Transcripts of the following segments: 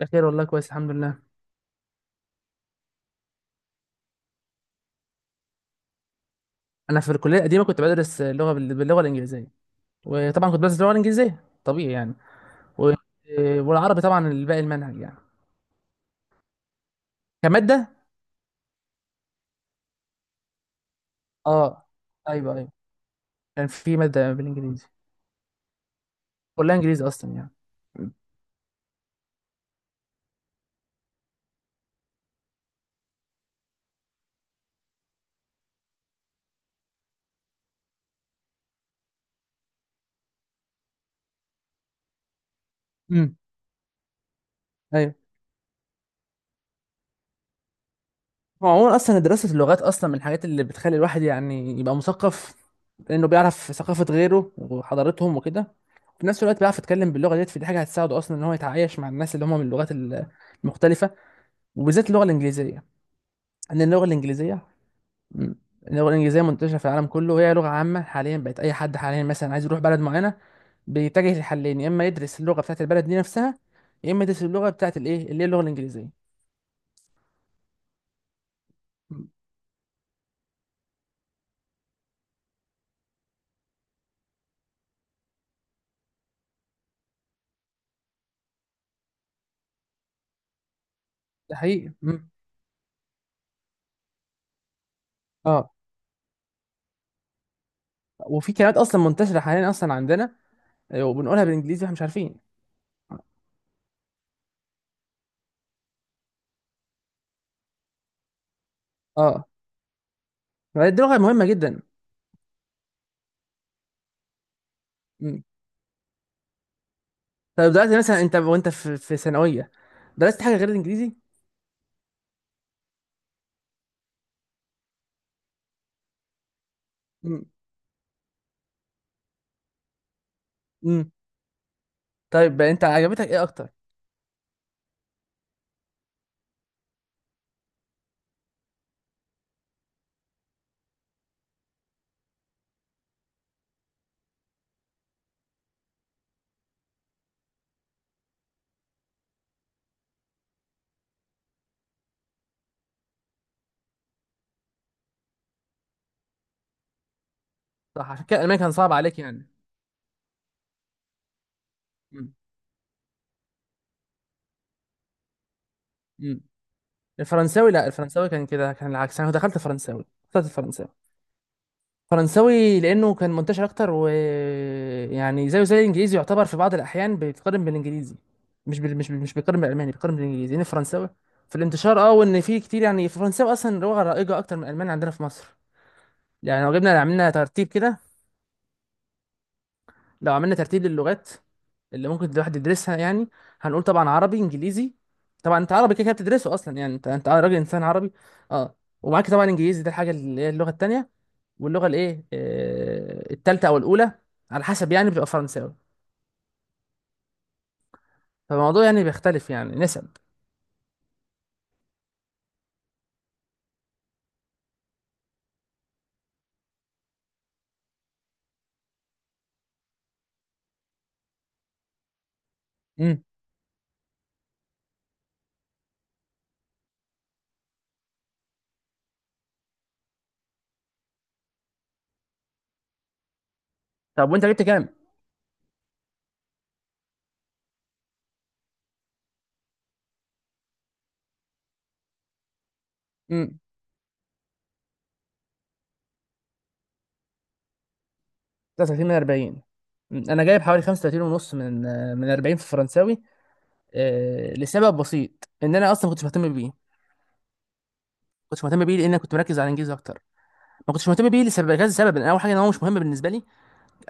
بخير والله كويس الحمد لله. انا في الكليه القديمه كنت بدرس اللغه باللغه الانجليزيه، وطبعا كنت بدرس اللغه الانجليزيه طبيعي يعني. و... والعربي طبعا الباقي المنهج يعني كماده. اه ايوه ايوه، كان في ماده بالانجليزي، كلها انجليزي اصلا يعني. امم ايوه. هو عموما اصلا دراسه اللغات اصلا من الحاجات اللي بتخلي الواحد يعني يبقى مثقف، لانه بيعرف ثقافه غيره وحضارتهم وكده، في نفس الوقت بيعرف يتكلم باللغه ديت، فدي حاجه هتساعده اصلا ان هو يتعايش مع الناس اللي هم من اللغات المختلفه، وبالذات اللغه الانجليزيه. ان اللغه الانجليزيه، م، اللغه الانجليزيه منتشره في العالم كله، وهي لغه عامه حاليا بقت، اي حد حاليا مثلا عايز يروح بلد معينه بيتجه لحلين، يا اما يدرس اللغه بتاعت البلد دي نفسها، يا اما يدرس اللغه بتاعت الايه اللي هي اللغه الانجليزيه. م، ده حقيقي. اه وفي كلمات اصلا منتشره حاليا اصلا عندنا، وبنقولها بالانجليزي واحنا مش عارفين. اه فهي دي لغه مهمه جدا. مم. طيب دلوقتي مثلا انت وانت في ثانويه درست حاجه غير الانجليزي؟ مم. مم. طيب انت عجبتك ايه اكتر؟ صح، عشان كده الالماني كان صعب عليك يعني. مم. مم. الفرنساوي، لا الفرنساوي كان كده، كان العكس، انا دخلت فرنساوي، اخترت الفرنساوي. فرنساوي لانه كان منتشر اكتر، و يعني زيه زي الانجليزي، يعتبر في بعض الاحيان بيتقارن بالانجليزي، مش بيقارن بالالماني، بيقارن بالانجليزي، لان الفرنساوي في الانتشار، اه، وان في كتير يعني الفرنساوي اصلا لغه رائجه اكتر من الالماني عندنا في مصر. يعني لو جبنا عملنا ترتيب كده، لو عملنا ترتيب للغات اللي ممكن الواحد يدرسها يعني، هنقول طبعا عربي انجليزي. طبعا انت عربي كده كده بتدرسه اصلا يعني، انت راجل انسان عربي، اه، ومعاك طبعا انجليزي، ده الحاجه اللي هي اللغه التانيه، واللغه الايه، التالته او الاولى على حسب، يعني بتبقى فرنساوي. فالموضوع يعني بيختلف يعني نسب. امم. طب وانت جبت كام؟ امم. 33 من 40. مم. انا جايب حوالي 35 ونص من من 40 في الفرنساوي. آه، لسبب بسيط ان انا اصلا ما كنتش مهتم بيه. كنتش مهتم بيه لان انا كنت مركز على الانجليزي اكتر، ما كنتش مهتم بيه لسبب كذا سبب، إن اول حاجه ان هو مش مهم بالنسبه لي.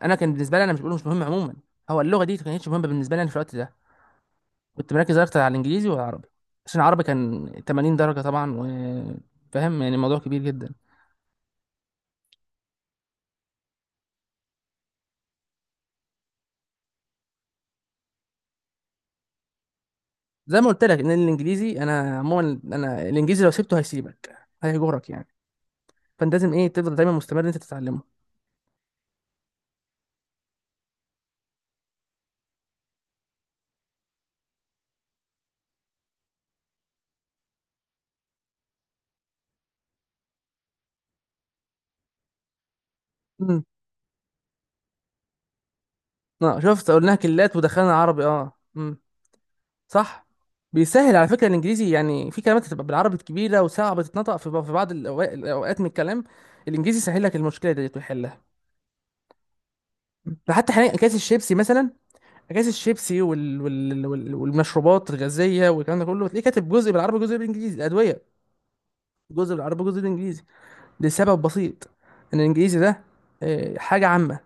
انا كان بالنسبه لي، انا مش بقوله مش مهم عموما، هو اللغه دي ما كانتش مهمه بالنسبه لي أنا في الوقت ده. كنت مركز اكتر على الانجليزي والعربي، عشان العربي كان 80 درجه طبعا، وفاهم يعني الموضوع كبير جدا. زي ما قلت لك ان الانجليزي، انا عموما انا الانجليزي لو سبته هيسيبك، هيجرك يعني. فانت لازم ايه تفضل دايما مستمر ان انت تتعلمه. امم. اه شفت قلناها كلات ودخلنا عربي. اه صح. بيسهل على فكره الانجليزي يعني، في كلمات بتبقى بالعربي كبيره وصعبه تتنطق في في بعض الاوقات من الكلام، الانجليزي سهل لك المشكله ديت ويحلها. حتى حاليا اكياس الشيبسي مثلا، اكياس الشيبسي والمشروبات الغازيه والكلام ده كله تلاقيه كاتب جزء بالعربي جزء بالانجليزي. الادويه جزء بالعربي جزء بالانجليزي، لسبب بسيط، ان الانجليزي ده حاجه عامه.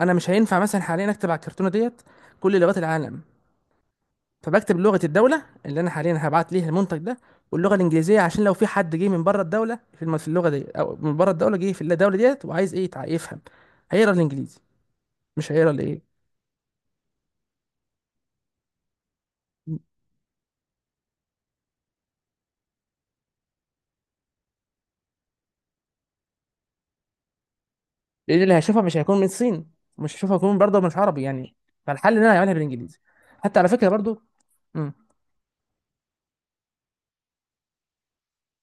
انا مش هينفع مثلا حاليا اكتب على الكرتونه ديت كل لغات العالم، فبكتب لغة الدولة اللي أنا حاليا هبعت ليها المنتج ده، واللغة الإنجليزية، عشان لو في حد جه من بره الدولة في اللغة دي، أو من بره الدولة جه في الدولة ديت وعايز إيه يفهم، هيقرا الإنجليزي، مش هيقرا الإيه. لأن اللي هيشوفها مش هيكون من الصين، مش هيشوفها هيكون برضه مش عربي يعني، فالحل إن أنا هعملها بالإنجليزي. حتى على فكرة برضه، مم.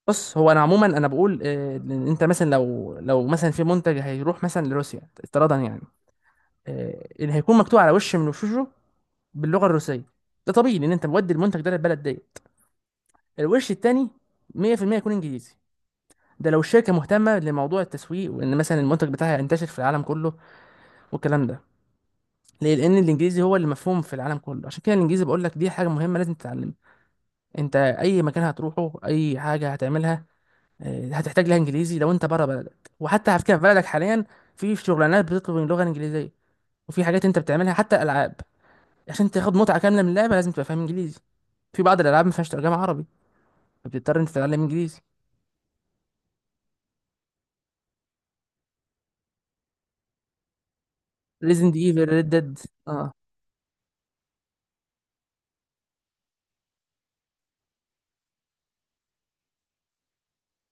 بص هو أنا عموما أنا بقول إن أنت مثلا لو مثلا في منتج هيروح مثلا لروسيا افتراضا يعني، اللي هيكون مكتوب على وش من وشوشه باللغه الروسيه، ده طبيعي لان انت مودي المنتج ده للبلد ديت، الوش التاني 100% يكون انجليزي. ده لو الشركه مهتمه لموضوع التسويق، وان مثلا المنتج بتاعها ينتشر في العالم كله والكلام ده. ليه؟ لان الانجليزي هو اللي مفهوم في العالم كله، عشان كده الانجليزي بقول لك دي حاجه مهمه لازم تتعلمها. انت اي مكان هتروحه اي حاجه هتعملها، هتحتاج لها انجليزي لو انت بره بلدك. وحتى على فكره في بلدك حاليا في شغلانات بتطلب اللغه الانجليزيه، وفي حاجات انت بتعملها حتى العاب، عشان تاخد متعة كاملة من اللعبة لازم تبقى فاهم انجليزي. في بعض الالعاب ما فيهاش ترجمة عربي، فبتضطر انت تتعلم انجليزي. ريزنت ايفل، ريد ديد. اه.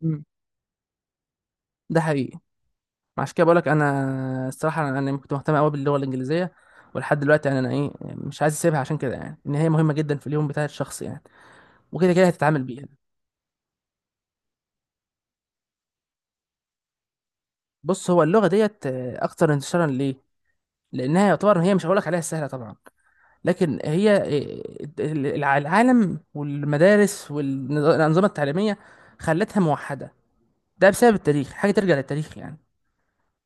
مم. ده حقيقي. عشان كده بقول لك انا، الصراحة أنا كنت مهتم قوي باللغة الانجليزية، ولحد دلوقتي يعني انا ايه يعني مش عايز اسيبها، عشان كده يعني ان هي مهمة جدا في اليوم بتاع الشخص يعني. وكده كده هتتعامل بيها. بص هو اللغة ديت اكتر انتشارا ليه؟ لانها يعتبر هي، مش هقول لك عليها سهلة طبعا، لكن هي العالم والمدارس والأنظمة التعليمية خلتها موحدة. ده بسبب التاريخ، حاجه ترجع للتاريخ يعني.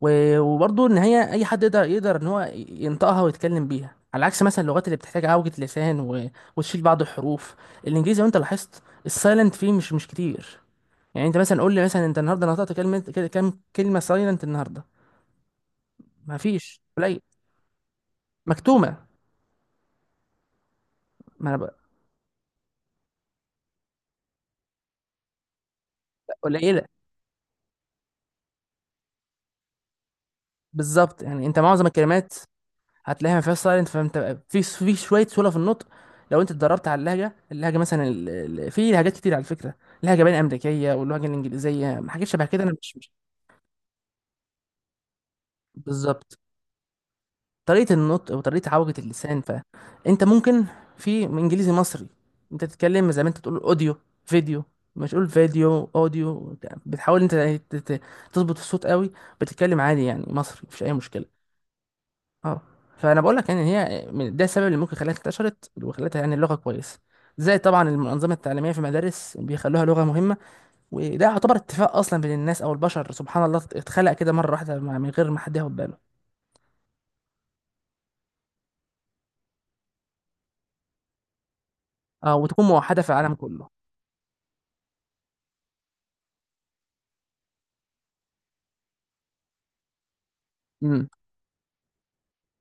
وبرضه ان هي اي حد يقدر، يقدر ان هو ينطقها ويتكلم بيها، على عكس مثلا اللغات اللي بتحتاج عوجة لسان وتشيل بعض الحروف. الانجليزي لو انت لاحظت السايلنت فيه مش كتير. يعني انت مثلا قول لي، مثلا انت النهارده نطقت كلمه كام كلمه سايلنت النهارده؟ ما فيش. قليل مكتومه. ما أنا بق- قليله. بالظبط، يعني انت معظم الكلمات هتلاقيها ما فيهاش سايلنت، فانت في في شويه سهوله في النطق. لو انت اتدربت على اللهجه، اللهجه مثلا في لهجات كتير على فكره، لهجه بين امريكيه واللهجه الانجليزيه حاجات شبه كده، انا مش بالظبط طريقه النطق وطريقه عوجه اللسان. فانت ممكن في انجليزي مصري، انت تتكلم زي ما انت تقول اوديو فيديو، مش قول فيديو اوديو، بتحاول انت تظبط الصوت قوي، بتتكلم عادي يعني مصري مفيش اي مشكله. اه. فانا بقول لك يعني هي ده السبب اللي ممكن خلاها انتشرت، وخلتها يعني اللغه كويسه. زي طبعا المنظمه التعليميه في المدارس بيخلوها لغه مهمه. وده يعتبر اتفاق اصلا بين الناس او البشر، سبحان الله اتخلق كده مره واحده من غير ما حد ياخد باله. اه. وتكون موحده في العالم كله. امم.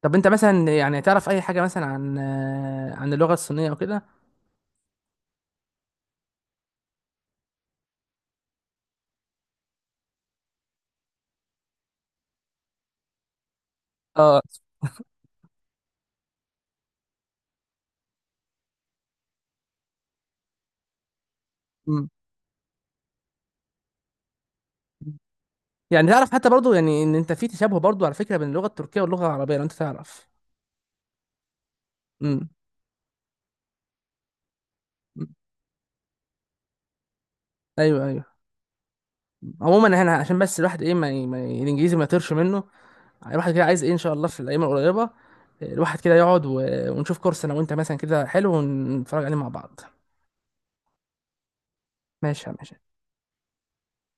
طب انت مثلا يعني تعرف اي حاجه مثلا عن عن اللغه الصينيه وكده؟ اه. امم. يعني تعرف حتى برضو يعني ان انت في تشابه برضو على فكره بين اللغه التركيه واللغه العربيه، لو انت تعرف. امم. ايوه ايوه. عموما احنا عشان بس الواحد ايه ما الانجليزي ما يطيرش منه. الواحد كده عايز ايه ان شاء الله في الايام القريبه الواحد كده يقعد ونشوف كورس انا وانت مثلا كده حلو ونتفرج عليه مع بعض. ماشي يا ماشي.